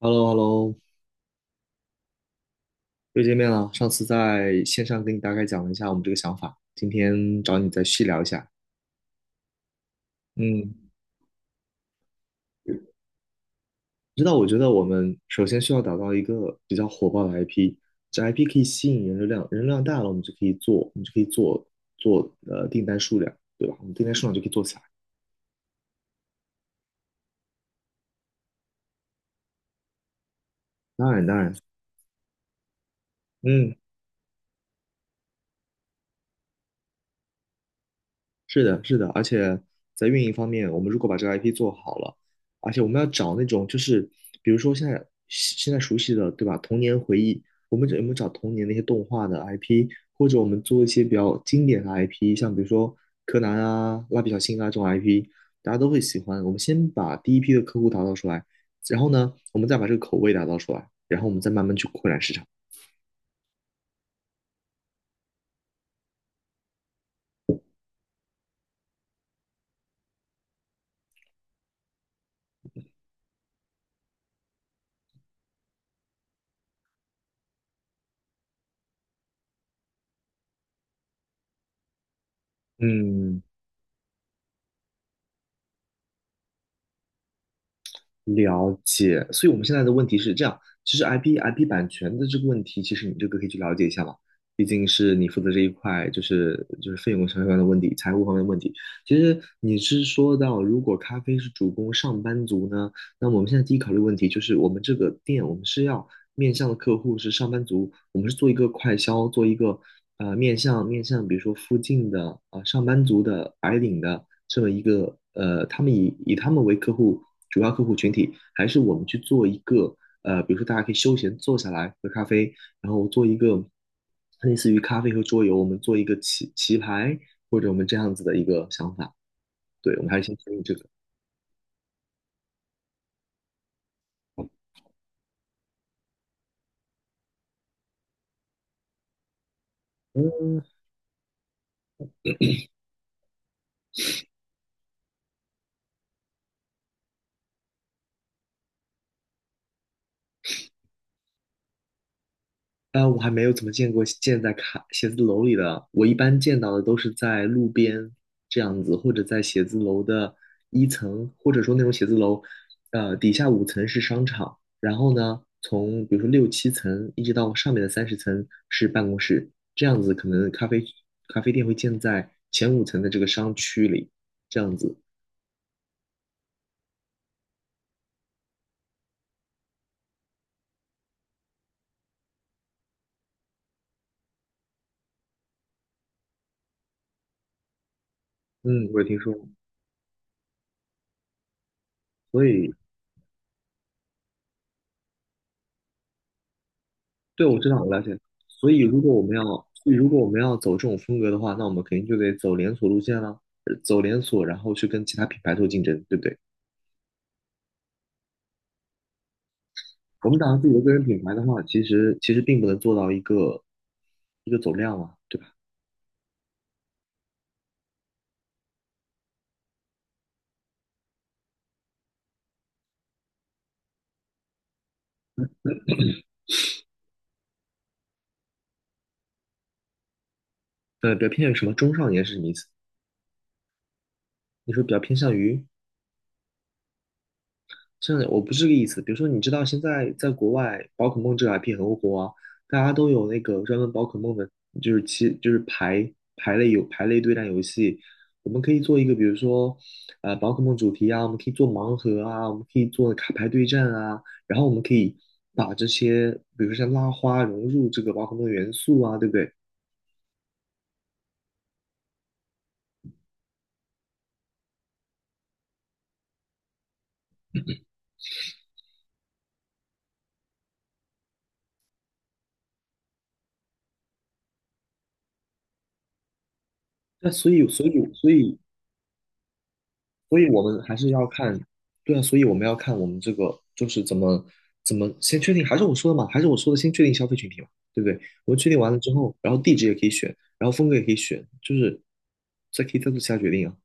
h e l l o h e l l o 又见面了。上次在线上跟你大概讲了一下我们这个想法，今天找你再细聊一下。嗯，知道，我觉得我们首先需要打造一个比较火爆的 IP，这 IP 可以吸引人流量，人流量大了，我们就可以做订单数量，对吧？我们订单数量就可以做起来。当然，当然。嗯，是的，是的，而且在运营方面，我们如果把这个 IP 做好了，而且我们要找那种就是，比如说现在熟悉的，对吧？童年回忆，我们有没有找童年那些动画的 IP，或者我们做一些比较经典的 IP，像比如说柯南啊、蜡笔小新啊这种 IP，大家都会喜欢。我们先把第一批的客户打造出来，然后呢，我们再把这个口味打造出来，然后我们再慢慢去扩展市场。嗯，了解，所以我们现在的问题是这样，其实 IP 版权的这个问题，其实你这个可以去了解一下嘛，毕竟是你负责这一块，就是费用相关的问题、财务方面的问题。其实你是说到，如果咖啡是主攻上班族呢，那我们现在第一考虑问题就是，我们这个店我们是要面向的客户是上班族，我们是做一个快销，做一个面向，比如说附近的啊、上班族的白领的这么一个他们以他们为客户主要客户群体，还是我们去做一个比如说大家可以休闲坐下来喝咖啡，然后做一个类似于咖啡和桌游，我们做一个棋牌或者我们这样子的一个想法，对，我们还是先建立这个。嗯，我还没有怎么见过建在卡写字楼里的，我一般见到的都是在路边这样子，或者在写字楼的一层，或者说那种写字楼，底下五层是商场，然后呢，从比如说六七层一直到上面的30层是办公室，这样子可能咖啡店会建在前五层的这个商区里，这样子。嗯，我也听说过，所以对，我知道，我了解。所以，如果我们要，所以如果我们要走这种风格的话，那我们肯定就得走连锁路线了，走连锁，然后去跟其他品牌做竞争，对不对？我们打造自己的个人品牌的话，其实并不能做到一个一个走量嘛，对吧？比较偏向于什么中上年是什么意思？你说比较偏向于？真的，我不是这个意思。比如说，你知道现在在国外，宝可梦这个 IP 很火啊，大家都有那个专门宝可梦的，就是其就是排排类有排类对战游戏。我们可以做一个，比如说，宝可梦主题啊，我们可以做盲盒啊，我们可以做卡牌对战啊，然后我们可以把这些，比如说像拉花融入这个宝可梦的元素啊，对不对？那所以，所以，所以所以我们还是要看，对啊，所以我们要看我们这个就是怎么先确定，还是我说的嘛，还是我说的，先确定消费群体嘛，对不对？我们确定完了之后，然后地址也可以选，然后风格也可以选，就是再可以再做其他决定啊。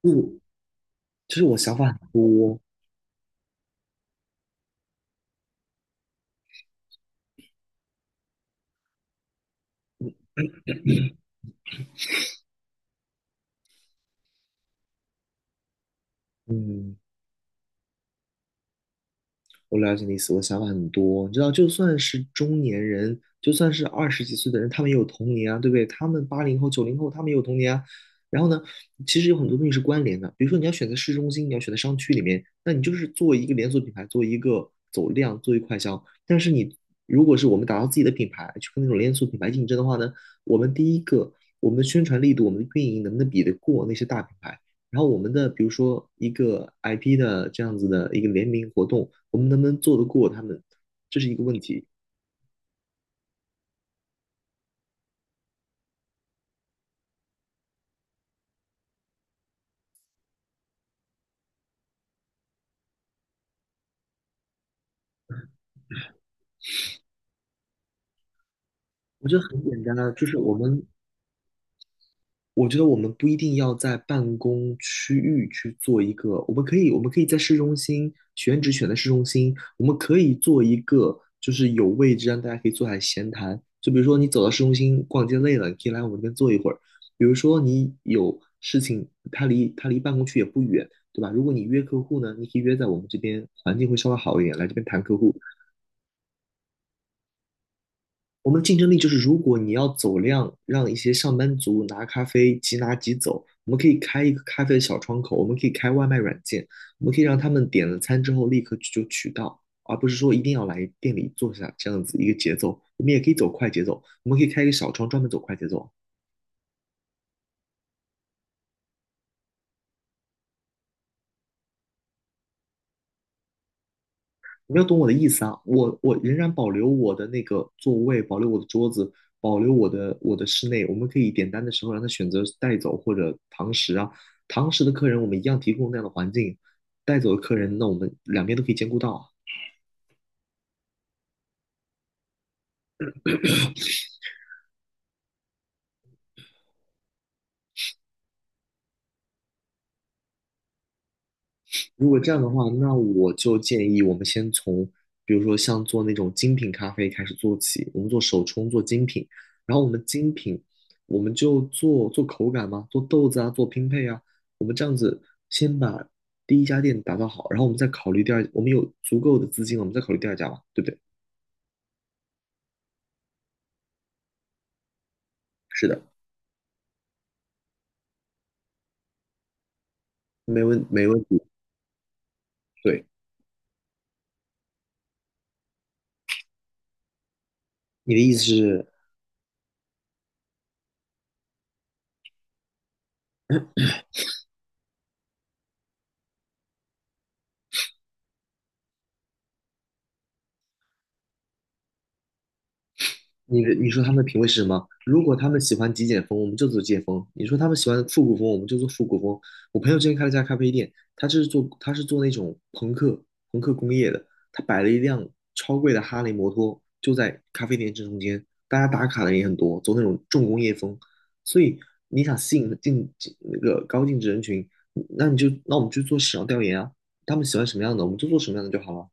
不，就是我想法很多，嗯。我了解你意思，我想法很多。你知道，就算是中年人，就算是20几岁的人，他们也有童年啊，对不对？他们80后、90后，他们也有童年啊。然后呢，其实有很多东西是关联的。比如说，你要选择市中心，你要选择商区里面，那你就是做一个连锁品牌，做一个走量，做一个快销。但是你如果是我们打造自己的品牌，去跟那种连锁品牌竞争的话呢，我们第一个，我们的宣传力度，我们的运营能不能比得过那些大品牌？然后我们的比如说一个 IP 的这样子的一个联名活动，我们能不能做得过他们，这是一个问题。我觉得很简单啊，我觉得我们不一定要在办公区域去做一个，我们可以，我们可以在市中心，选址，选在市中心，我们可以做一个，就是有位置让大家可以坐下来闲谈。就比如说你走到市中心逛街累了，你可以来我们这边坐一会儿。比如说你有事情，它离办公区也不远，对吧？如果你约客户呢，你可以约在我们这边，环境会稍微好一点，来这边谈客户。我们的竞争力就是，如果你要走量，让一些上班族拿咖啡即拿即走，我们可以开一个咖啡的小窗口，我们可以开外卖软件，我们可以让他们点了餐之后立刻就取到，而不是说一定要来店里坐下这样子一个节奏。我们也可以走快节奏，我们可以开一个小窗专门走快节奏。你要懂我的意思啊！我仍然保留我的那个座位，保留我的桌子，保留我的室内。我们可以点单的时候让他选择带走或者堂食啊。堂食的客人我们一样提供那样的环境，带走的客人那我们两边都可以兼顾到啊。如果这样的话，那我就建议我们先从，比如说像做那种精品咖啡开始做起，我们做手冲，做精品，然后我们精品，我们就做做口感嘛，做豆子啊，做拼配啊，我们这样子先把第一家店打造好，然后我们再考虑第二，我们有足够的资金了，我们再考虑第二家嘛，对不对？是的，没问题。对，你的意思是你的你说他们的品味是什么？如果他们喜欢极简风，我们就做极简风；你说他们喜欢复古风，我们就做复古风。我朋友之前开了家咖啡店，他就是做他是做那种朋克工业的，他摆了一辆超贵的哈雷摩托，就在咖啡店正中间，大家打卡的人也很多，走那种重工业风。所以你想吸引进那个高净值人群，那我们就做市场调研啊，他们喜欢什么样的，我们就做什么样的就好了。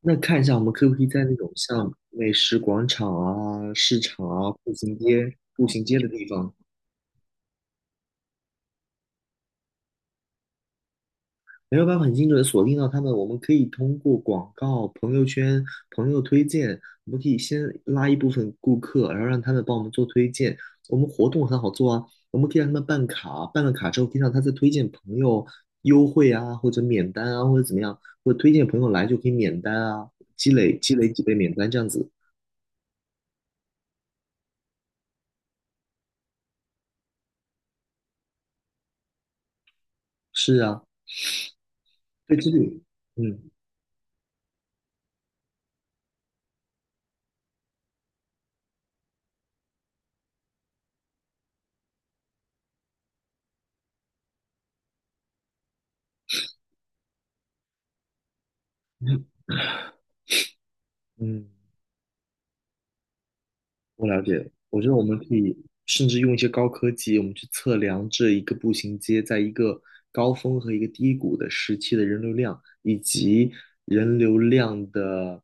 那看一下，我们可不可以在那种像美食广场啊、市场啊、步行街的地方，没有办法很精准的锁定到他们？我们可以通过广告、朋友圈、朋友推荐，我们可以先拉一部分顾客，然后让他们帮我们做推荐。我们活动很好做啊，我们可以让他们办卡，办了卡之后可以让他再推荐朋友优惠啊，或者免单啊，或者怎么样，或者推荐朋友来就可以免单啊，积累积累几倍免单这样子。是啊，对，这里嗯。嗯，我了解。我觉得我们可以甚至用一些高科技，我们去测量这一个步行街在一个高峰和一个低谷的时期的人流量，以及人流量的。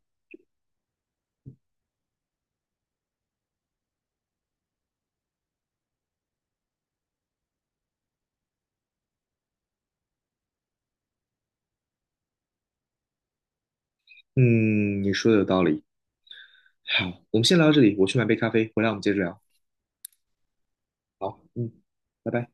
嗯，你说的有道理。好，我们先聊到这里，我去买杯咖啡，回来我们接着聊。好，嗯，拜拜。